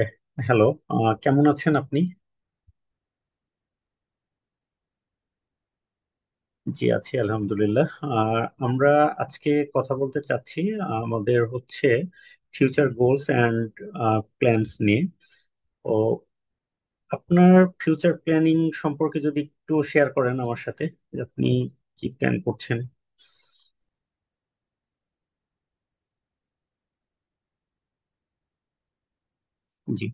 এ, hello কেমন আছেন আপনি? জি আছি আলহামদুলিল্লাহ। আর আমরা আজকে কথা বলতে চাচ্ছি আমাদের হচ্ছে ফিউচার গোলস অ্যান্ড প্ল্যানস নিয়ে। তো আপনার ফিউচার প্ল্যানিং সম্পর্কে যদি একটু শেয়ার করেন আমার সাথে যে আপনি কি প্ল্যান করছেন? জি।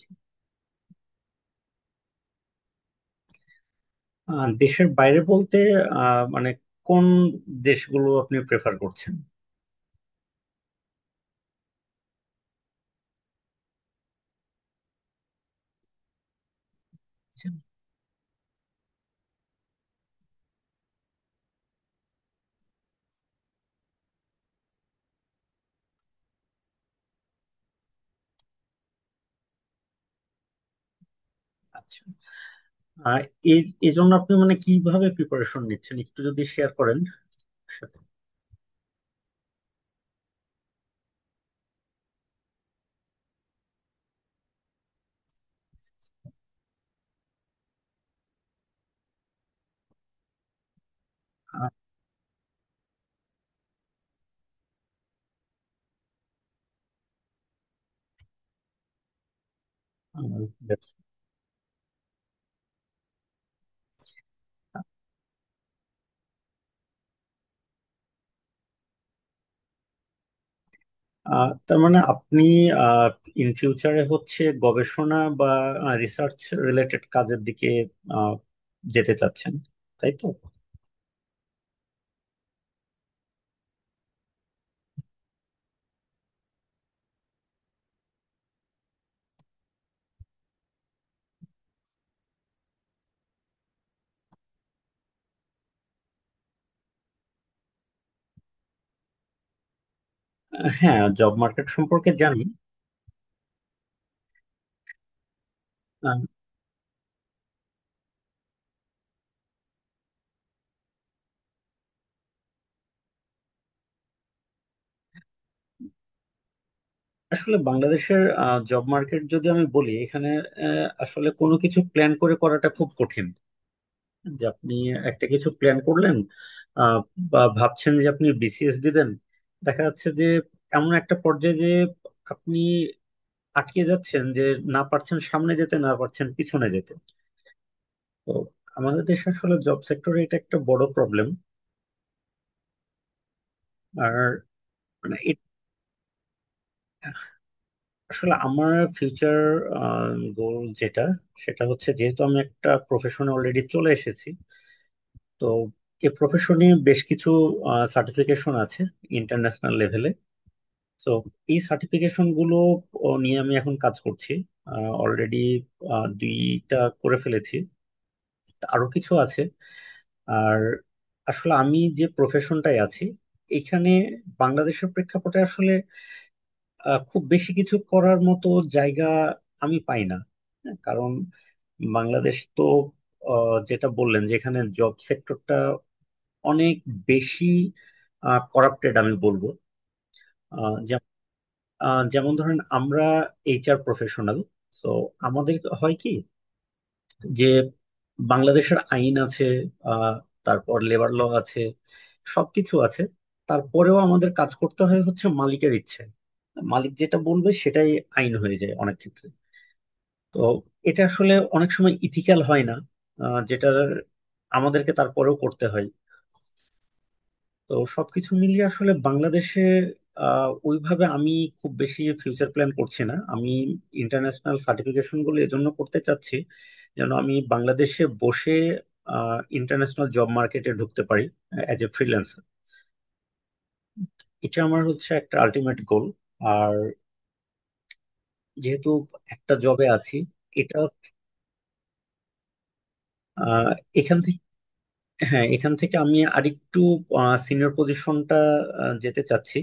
জি। দেশের বাইরে বলতে মানে কোন দেশগুলো আপনি প্রেফার করছেন? আচ্ছা আচ্ছা। আহ, এই এই জন্য আপনি মানে কিভাবে প্রিপারেশন নিচ্ছেন একটু যদি শেয়ার করেন? Yes. তার মানে আপনি ইন ফিউচারে হচ্ছে গবেষণা বা রিসার্চ রিলেটেড কাজের দিকে আহ, যেতে চাচ্ছেন, তাই তো? হ্যাঁ, জব মার্কেট সম্পর্কে জানি। আহ, আসলে বাংলাদেশের জব মার্কেট যদি আমি বলি, এখানে আসলে কোনো কিছু প্ল্যান করে করাটা খুব কঠিন। যে আপনি একটা কিছু প্ল্যান করলেন, আহ, বা ভাবছেন যে আপনি বিসিএস দিবেন, দেখা যাচ্ছে যে এমন একটা পর্যায়ে যে আপনি আটকে যাচ্ছেন যে না পারছেন সামনে যেতে, না পারছেন পিছনে যেতে। তো আমাদের দেশে আসলে জব সেক্টরে এটা একটা বড় প্রবলেম। আর মানে এ- আসলে আমার ফিউচার গোল যেটা, সেটা হচ্ছে যেহেতু আমি একটা প্রফেশনে অলরেডি চলে এসেছি, তো এই প্রফেশনে বেশ কিছু সার্টিফিকেশন আছে ইন্টারন্যাশনাল লেভেলে। তো এই সার্টিফিকেশন গুলো নিয়ে আমি এখন কাজ করছি। অলরেডি 2টা করে ফেলেছি, তা আরো কিছু আছে। আর আসলে আমি যে প্রফেশনটায় আছি, এখানে বাংলাদেশের প্রেক্ষাপটে আসলে খুব বেশি কিছু করার মতো জায়গা আমি পাই না। হ্যাঁ, কারণ বাংলাদেশ তো, যেটা বললেন যে এখানে জব সেক্টরটা অনেক বেশি করাপ্টেড আমি বলবো। আহ, যেম- যেমন ধরেন আমরা এইচআর প্রফেশনাল। তো আমাদের হয় কি যে বাংলাদেশের আইন আছে, আহ, তারপর লেবার ল আছে, সবকিছু আছে। তারপরেও আমাদের কাজ করতে হয় হচ্ছে মালিকের ইচ্ছে। মালিক যেটা বলবে সেটাই আইন হয়ে যায় অনেক ক্ষেত্রে। তো এটা আসলে অনেক সময় ইথিক্যাল হয় না, যেটা আমাদেরকে তারপরেও করতে হয়। তো সবকিছু মিলিয়ে আসলে বাংলাদেশে ওইভাবে আমি খুব বেশি ফিউচার প্ল্যান করছি না। আমি ইন্টারন্যাশনাল সার্টিফিকেশন গুলো এজন্য করতে চাচ্ছি, যেন আমি বাংলাদেশে বসে ইন্টারন্যাশনাল জব মার্কেটে ঢুকতে পারি অ্যাজ এ ফ্রিল্যান্সার। এটা আমার হচ্ছে একটা আলটিমেট গোল। আর যেহেতু একটা জবে আছি, এটা আহ, এখান থেকে, হ্যাঁ এখান থেকে আমি আরেকটু সিনিয়র পজিশনটা যেতে চাচ্ছি,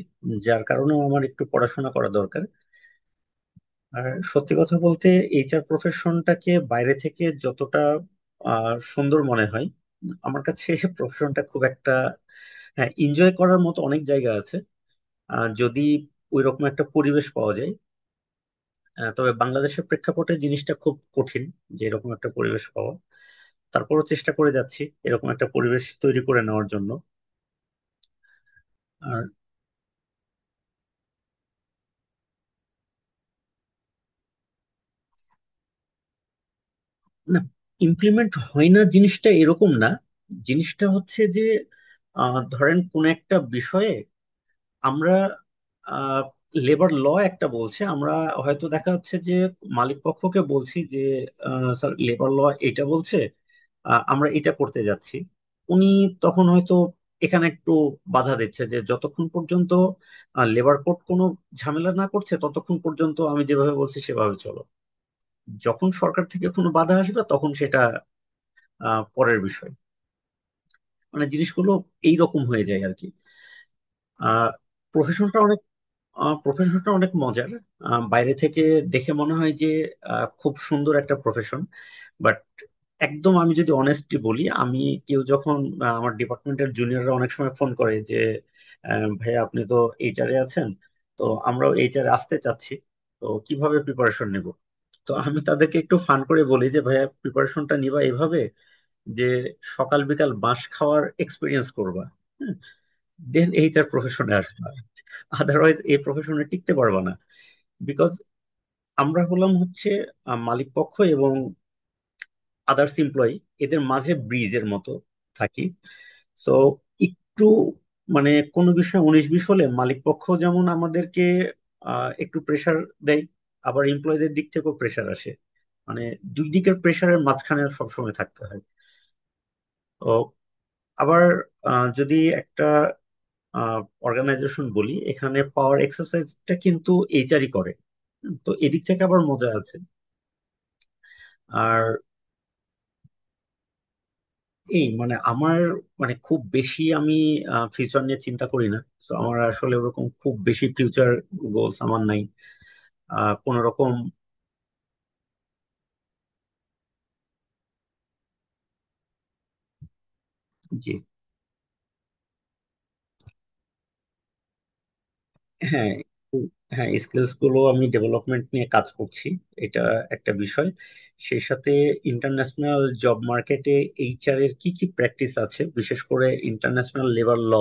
যার কারণেও আমার একটু পড়াশোনা করা দরকার। আর সত্যি কথা বলতে, এইচআর প্রফেশনটাকে বাইরে থেকে যতটা সুন্দর মনে হয়, আমার কাছে প্রফেশনটা খুব একটা, হ্যাঁ এনজয় করার মতো অনেক জায়গা আছে যদি ওইরকম একটা পরিবেশ পাওয়া যায়। তবে বাংলাদেশের প্রেক্ষাপটে জিনিসটা খুব কঠিন যে এরকম একটা পরিবেশ পাওয়া। তারপরও চেষ্টা করে যাচ্ছি এরকম একটা পরিবেশ তৈরি করে নেওয়ার জন্য। আর না, ইমপ্লিমেন্ট হয় না জিনিসটা এরকম না। জিনিসটা হচ্ছে যে ধরেন কোন একটা বিষয়ে আমরা লেবার ল একটা বলছে, আমরা হয়তো দেখা যাচ্ছে যে মালিক পক্ষকে বলছি যে স্যার, লেবার ল এটা বলছে, আমরা এটা করতে যাচ্ছি। উনি তখন হয়তো এখানে একটু বাধা দিচ্ছে যে যতক্ষণ পর্যন্ত লেবার কোড কোনো ঝামেলা না করছে ততক্ষণ পর্যন্ত আমি যেভাবে বলছি সেভাবে চলো। যখন সরকার থেকে কোনো বাধা আসবে তখন সেটা পরের বিষয়। মানে জিনিসগুলো এইরকম হয়ে যায় আর কি। আহ প্রফেশনটা প্রফেশনটা অনেক মজার। বাইরে থেকে দেখে মনে হয় যে খুব সুন্দর একটা প্রফেশন। বাট একদম আমি যদি অনেস্টলি বলি, আমি, কেউ যখন, আমার ডিপার্টমেন্টের জুনিয়ররা অনেক সময় ফোন করে যে ভাইয়া আপনি তো এইচআরে আছেন, তো আমরাও এইচআরে আসতে চাচ্ছি, তো কিভাবে প্রিপারেশন নেব? তো আমি তাদেরকে একটু ফান করে বলি যে ভাইয়া প্রিপারেশনটা নিবা এভাবে, যে সকাল বিকাল বাঁশ খাওয়ার এক্সপিরিয়েন্স করবা। হ্যাঁ? দেন এইচআর প্রফেশনে আসবা, আদারওয়াইজ এই প্রফেশনে টিকতে পারবা না। বিকজ আমরা হলাম হচ্ছে মালিক পক্ষ এবং আদার্স এমপ্লয়ি, এদের মাঝে ব্রিজের মতো থাকি। সো একটু মানে কোনো বিষয়ে উনিশ বিশ হলে মালিক পক্ষ যেমন আমাদেরকে একটু প্রেসার দেয়, আবার এমপ্লয়ীদের দিক থেকেও প্রেসার আসে। মানে দুই দিকের প্রেসারের মাঝখানে সবসময় থাকতে হয়। তো আবার যদি একটা অর্গানাইজেশন বলি, এখানে পাওয়ার এক্সারসাইজটা কিন্তু এইচআরই করে। হুম, তো এদিক থেকে আবার মজা আছে। আর এই মানে আমার, মানে খুব বেশি আমি ফিউচার নিয়ে চিন্তা করি না। তো আমার আসলে ওরকম খুব বেশি ফিউচার গোলস আমার নাই আহ কোন রকম। হ্যাঁ। উম, হ্যাঁ, স্কিলস গুলো আমি ডেভেলপমেন্ট নিয়ে কাজ করছি, এটা একটা বিষয়। সেই সাথে ইন্টারন্যাশনাল জব মার্কেটে এইচআর এর কি কি প্র্যাকটিস আছে, বিশেষ করে ইন্টারন্যাশনাল লেবার ল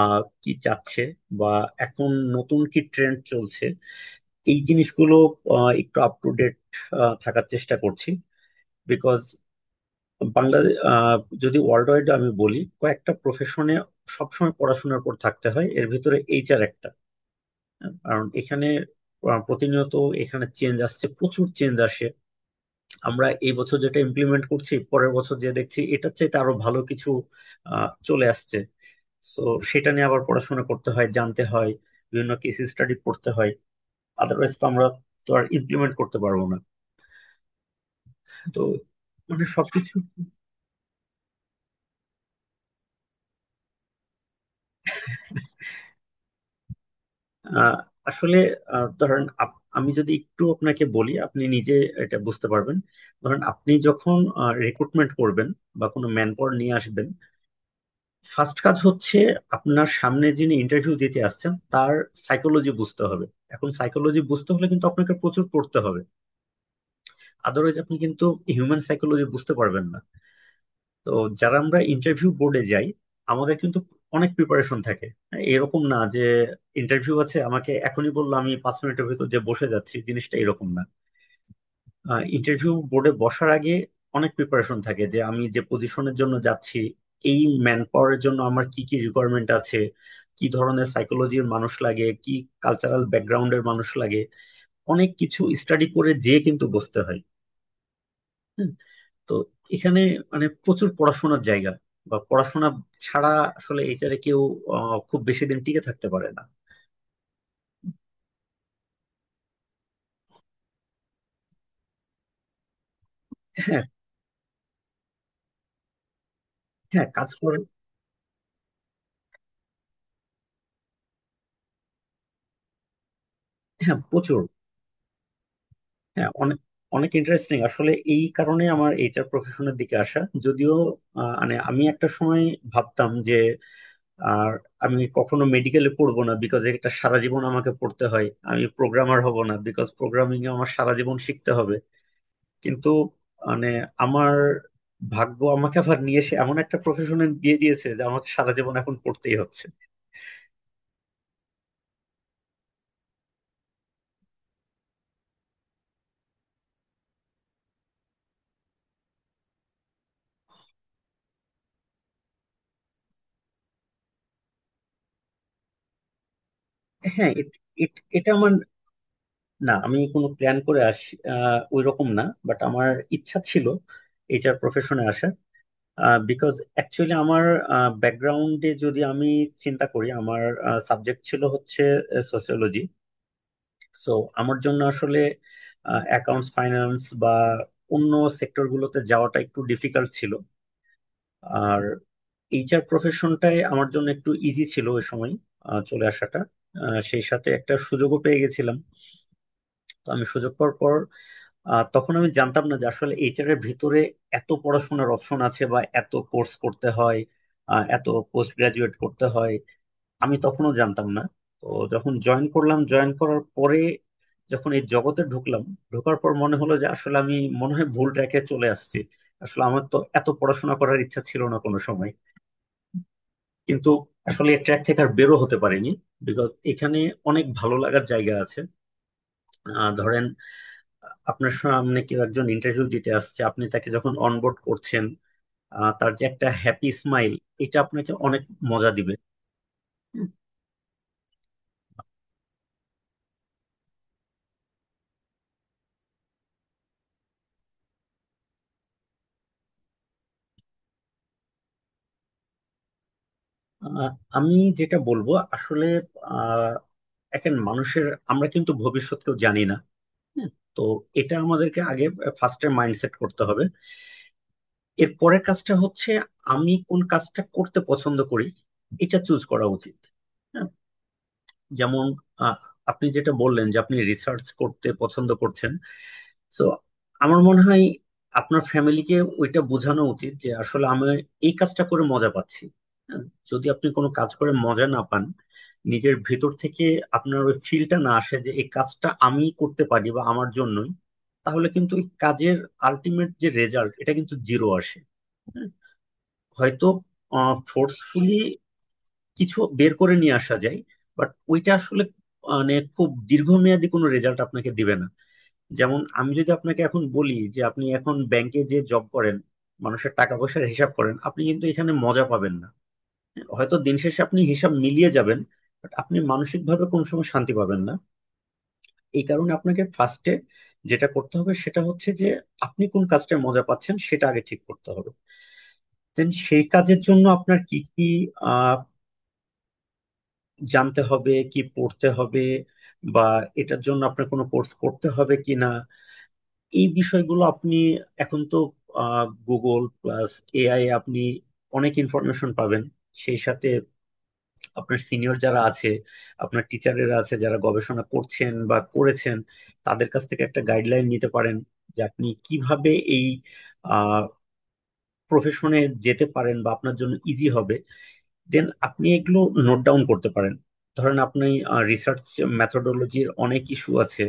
আহ কি চাচ্ছে, বা এখন নতুন কি ট্রেন্ড চলছে, এই জিনিসগুলো একটু আপ টু ডেট থাকার চেষ্টা করছি। বিকজ বাংলাদেশ, যদি ওয়ার্ল্ড ওয়াইড আমি বলি কয়েকটা প্রফেশনে সবসময় পড়াশোনার পর থাকতে হয়, এর ভিতরে এইচআর একটা। কারণ এখানে প্রতিনিয়ত এখানে চেঞ্জ আসছে, প্রচুর চেঞ্জ আসে। আমরা এই বছর যেটা ইমপ্লিমেন্ট করছি পরের বছর যে দেখছি এটার চাইতে আরো ভালো কিছু চলে আসছে। তো সেটা নিয়ে আবার পড়াশোনা করতে হয়, জানতে হয়, বিভিন্ন কেস স্টাডি পড়তে হয়। আদারওয়াইজ তো আমরা তো আর ইমপ্লিমেন্ট করতে পারবো না। তো মানে সবকিছু আহ, আসলে ধরেন আমি যদি একটু আপনাকে বলি আপনি নিজে এটা বুঝতে পারবেন। ধরেন আপনি যখন রিক্রুটমেন্ট করবেন বা কোনো ম্যান পাওয়ার নিয়ে আসবেন, ফার্স্ট কাজ হচ্ছে আপনার সামনে যিনি ইন্টারভিউ দিতে আসছেন তার সাইকোলজি বুঝতে হবে। এখন সাইকোলজি বুঝতে হলে কিন্তু আপনাকে প্রচুর পড়তে হবে, আদারওয়াইজ আপনি কিন্তু হিউম্যান সাইকোলজি বুঝতে পারবেন না। তো যারা আমরা ইন্টারভিউ বোর্ডে যাই, আমাদের কিন্তু অনেক প্রিপারেশন থাকে। এরকম না যে ইন্টারভিউ আছে আমাকে এখনই বললো, আমি 5 মিনিটের ভিতর যে বসে যাচ্ছি, জিনিসটা এরকম না। ইন্টারভিউ বোর্ডে বসার আগে অনেক প্রিপারেশন থাকে, যে আমি যে পজিশনের জন্য যাচ্ছি, এই ম্যান পাওয়ারের জন্য আমার কি কি রিকোয়ারমেন্ট আছে, কি ধরনের সাইকোলজির মানুষ লাগে, কি কালচারাল ব্যাকগ্রাউন্ডের মানুষ লাগে, অনেক কিছু স্টাডি করে যেয়ে কিন্তু বসতে হয়। হুম, তো এখানে মানে প্রচুর পড়াশোনার জায়গা, বা পড়াশোনা ছাড়া আসলে এইটারে কেউ খুব বেশি দিন টিকে থাকতে পারে না। হ্যাঁ। হ্যাঁ কাজ করে। হ্যাঁ প্রচুর। হ্যাঁ অনেক, অনেক ইন্টারেস্টিং আসলে। এই কারণে আমার এইচআর প্রফেশনের দিকে আসা, যদিও মানে আমি একটা সময় ভাবতাম যে, আর আমি কখনো মেডিকেলে পড়বো না বিকজ এটা সারা জীবন আমাকে পড়তে হয়, আমি প্রোগ্রামার হব না বিকজ প্রোগ্রামিং এ আমার সারা জীবন শিখতে হবে। কিন্তু মানে আমার ভাগ্য আমাকে আবার নিয়ে এসে এমন একটা প্রফেশনে দিয়ে দিয়েছে যে আমাকে সারা জীবন এখন পড়তেই হচ্ছে। এটা আমার, না আমি কোনো প্ল্যান করে আসি ওই রকম না। বাট আমার ইচ্ছা ছিল এইচআর প্রফেশনে আসার। বিকজ অ্যাকচুয়ালি আমার ব্যাকগ্রাউন্ডে যদি আমি চিন্তা করি, আমার সাবজেক্ট ছিল হচ্ছে সোসিওলজি। সো আমার জন্য আসলে অ্যাকাউন্টস, ফাইন্যান্স বা অন্য সেক্টরগুলোতে যাওয়াটা একটু ডিফিকাল্ট ছিল। আর এইচআর প্রফেশনটাই আমার জন্য একটু ইজি ছিল ওই সময় চলে আসাটা। সেই সাথে একটা সুযোগও পেয়ে গেছিলাম। তো আমি সুযোগ পাওয়ার পর আহ তখন আমি জানতাম না যে আসলে এইচআর এর ভিতরে এত পড়াশোনার অপশন আছে, বা এত কোর্স করতে হয়, এত পোস্ট গ্রাজুয়েট করতে হয়। আমি তখনও জানতাম না। তো যখন জয়েন করলাম, জয়েন করার পরে যখন এই জগতে ঢুকলাম, ঢোকার পর মনে হলো যে আসলে আমি মনে হয় ভুল ট্র্যাকে চলে আসছি। আসলে আমার তো এত পড়াশোনা করার ইচ্ছা ছিল না কোনো সময়। কিন্তু আসলে ট্র্যাক থেকে আর বেরো হতে পারিনি, বিকজ এখানে অনেক ভালো লাগার জায়গা আছে। ধরেন আপনার সামনে কেউ একজন ইন্টারভিউ দিতে আসছে, আপনি তাকে যখন অনবোর্ড করছেন, তার যে একটা হ্যাপি স্মাইল, এটা আপনাকে অনেক মজা দিবে। আহ, আমি যেটা বলবো আসলে আহ, এখন মানুষের, আমরা কিন্তু ভবিষ্যৎ কেউ জানি না। হুম, তো এটা আমাদেরকে আগে ফার্স্টে মাইন্ডসেট করতে হবে। এর পরের কাজটা হচ্ছে আমি কোন কাজটা করতে পছন্দ করি, এটা চুজ করা উচিত। হ্যাঁ, যেমন আহ, আপনি যেটা বললেন যে আপনি রিসার্চ করতে পছন্দ করছেন, সো আমার মনে হয় আপনার ফ্যামিলিকে ওইটা বোঝানো উচিত যে আসলে আমি এই কাজটা করে মজা পাচ্ছি। হ্যাঁ, যদি আপনি কোনো কাজ করে মজা না পান, নিজের ভেতর থেকে আপনার ওই ফিলটা না আসে যে এই কাজটা আমি করতে পারি বা আমার জন্যই, তাহলে কিন্তু ওই কাজের আলটিমেট যে রেজাল্ট, এটা কিন্তু জিরো আসে। হ্যাঁ, হয়তো ফোর্সফুলি কিছু বের করে নিয়ে আসা যায়, বাট ওইটা আসলে মানে খুব দীর্ঘমেয়াদী কোনো রেজাল্ট আপনাকে দিবে না। যেমন আমি যদি আপনাকে এখন বলি যে আপনি এখন ব্যাংকে যে জব করেন, মানুষের টাকা পয়সার হিসাব করেন, আপনি কিন্তু এখানে মজা পাবেন না। হয়তো দিন শেষে আপনি হিসাব মিলিয়ে যাবেন, বাট আপনি মানসিকভাবে কোনো সময় শান্তি পাবেন না। এই কারণে আপনাকে ফার্স্টে যেটা করতে হবে সেটা হচ্ছে যে আপনি কোন কাজটায় মজা পাচ্ছেন সেটা আগে ঠিক করতে হবে। দেন সেই কাজের জন্য আপনার কি কি আহ জানতে হবে, কি পড়তে হবে, বা এটার জন্য আপনার কোনো কোর্স করতে হবে কিনা, এই বিষয়গুলো আপনি এখন তো গুগল প্লাস এআই, আপনি অনেক ইনফরমেশন পাবেন। সেই সাথে আপনার সিনিয়র যারা আছে, আপনার টিচারেরা আছে যারা গবেষণা করছেন বা করেছেন, তাদের কাছ থেকে একটা গাইডলাইন নিতে পারেন যে আপনি কিভাবে এই প্রফেশনে যেতে পারেন বা আপনার জন্য ইজি হবে। দেন আপনি এগুলো নোট ডাউন করতে পারেন। ধরেন আপনি রিসার্চ মেথোডোলজির অনেক ইস্যু আছে,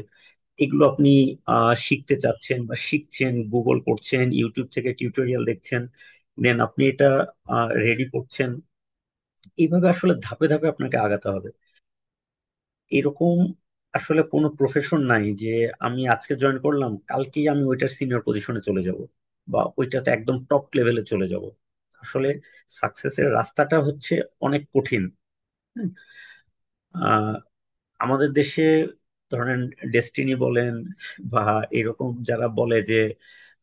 এগুলো আপনি শিখতে চাচ্ছেন বা শিখছেন, গুগল করছেন, ইউটিউব থেকে টিউটোরিয়াল দেখছেন, দেন আপনি এটা রেডি করছেন। এইভাবে আসলে ধাপে ধাপে আপনাকে আগাতে হবে। এরকম আসলে কোনো প্রফেশন নাই যে আমি আজকে জয়েন করলাম কালকেই আমি ওইটার সিনিয়র পজিশনে চলে যাব, বা ওইটাতে একদম টপ লেভেলে চলে যাব। আসলে সাকসেসের রাস্তাটা হচ্ছে অনেক কঠিন। হ্যাঁ। আহ আমাদের দেশে ধরেন ডেস্টিনি বলেন বা এরকম যারা বলে যে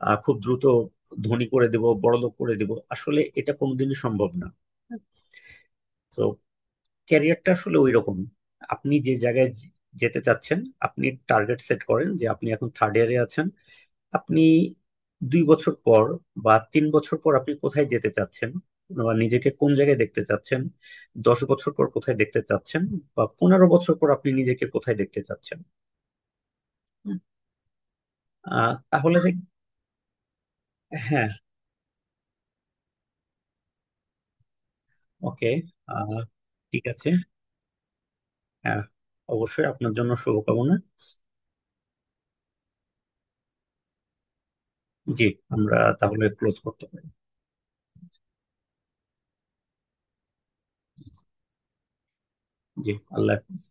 খুব দ্রুত ধনী করে দিব, বড়লোক করে দিব, আসলে এটা কোনোদিনই সম্ভব না। তো ক্যারিয়ারটা আসলে ওই রকম আপনি যে জায়গায় যেতে চাচ্ছেন, আপনি টার্গেট সেট করেন যে আপনি এখন থার্ড ইয়ারে আছেন, আপনি 2 বছর পর বা 3 বছর পর আপনি কোথায় যেতে চাচ্ছেন, বা নিজেকে কোন জায়গায় দেখতে চাচ্ছেন, 10 বছর পর কোথায় দেখতে চাচ্ছেন, বা 15 বছর পর আপনি নিজেকে কোথায় দেখতে চাচ্ছেন, আহ, তাহলে দেখ- হ্যাঁ। ওকে। আহ, ঠিক আছে। হ্যাঁ, অবশ্যই আপনার জন্য শুভকামনা। জি, আমরা তাহলে ক্লোজ করতে পারি। জি, আল্লাহ হাফিজ।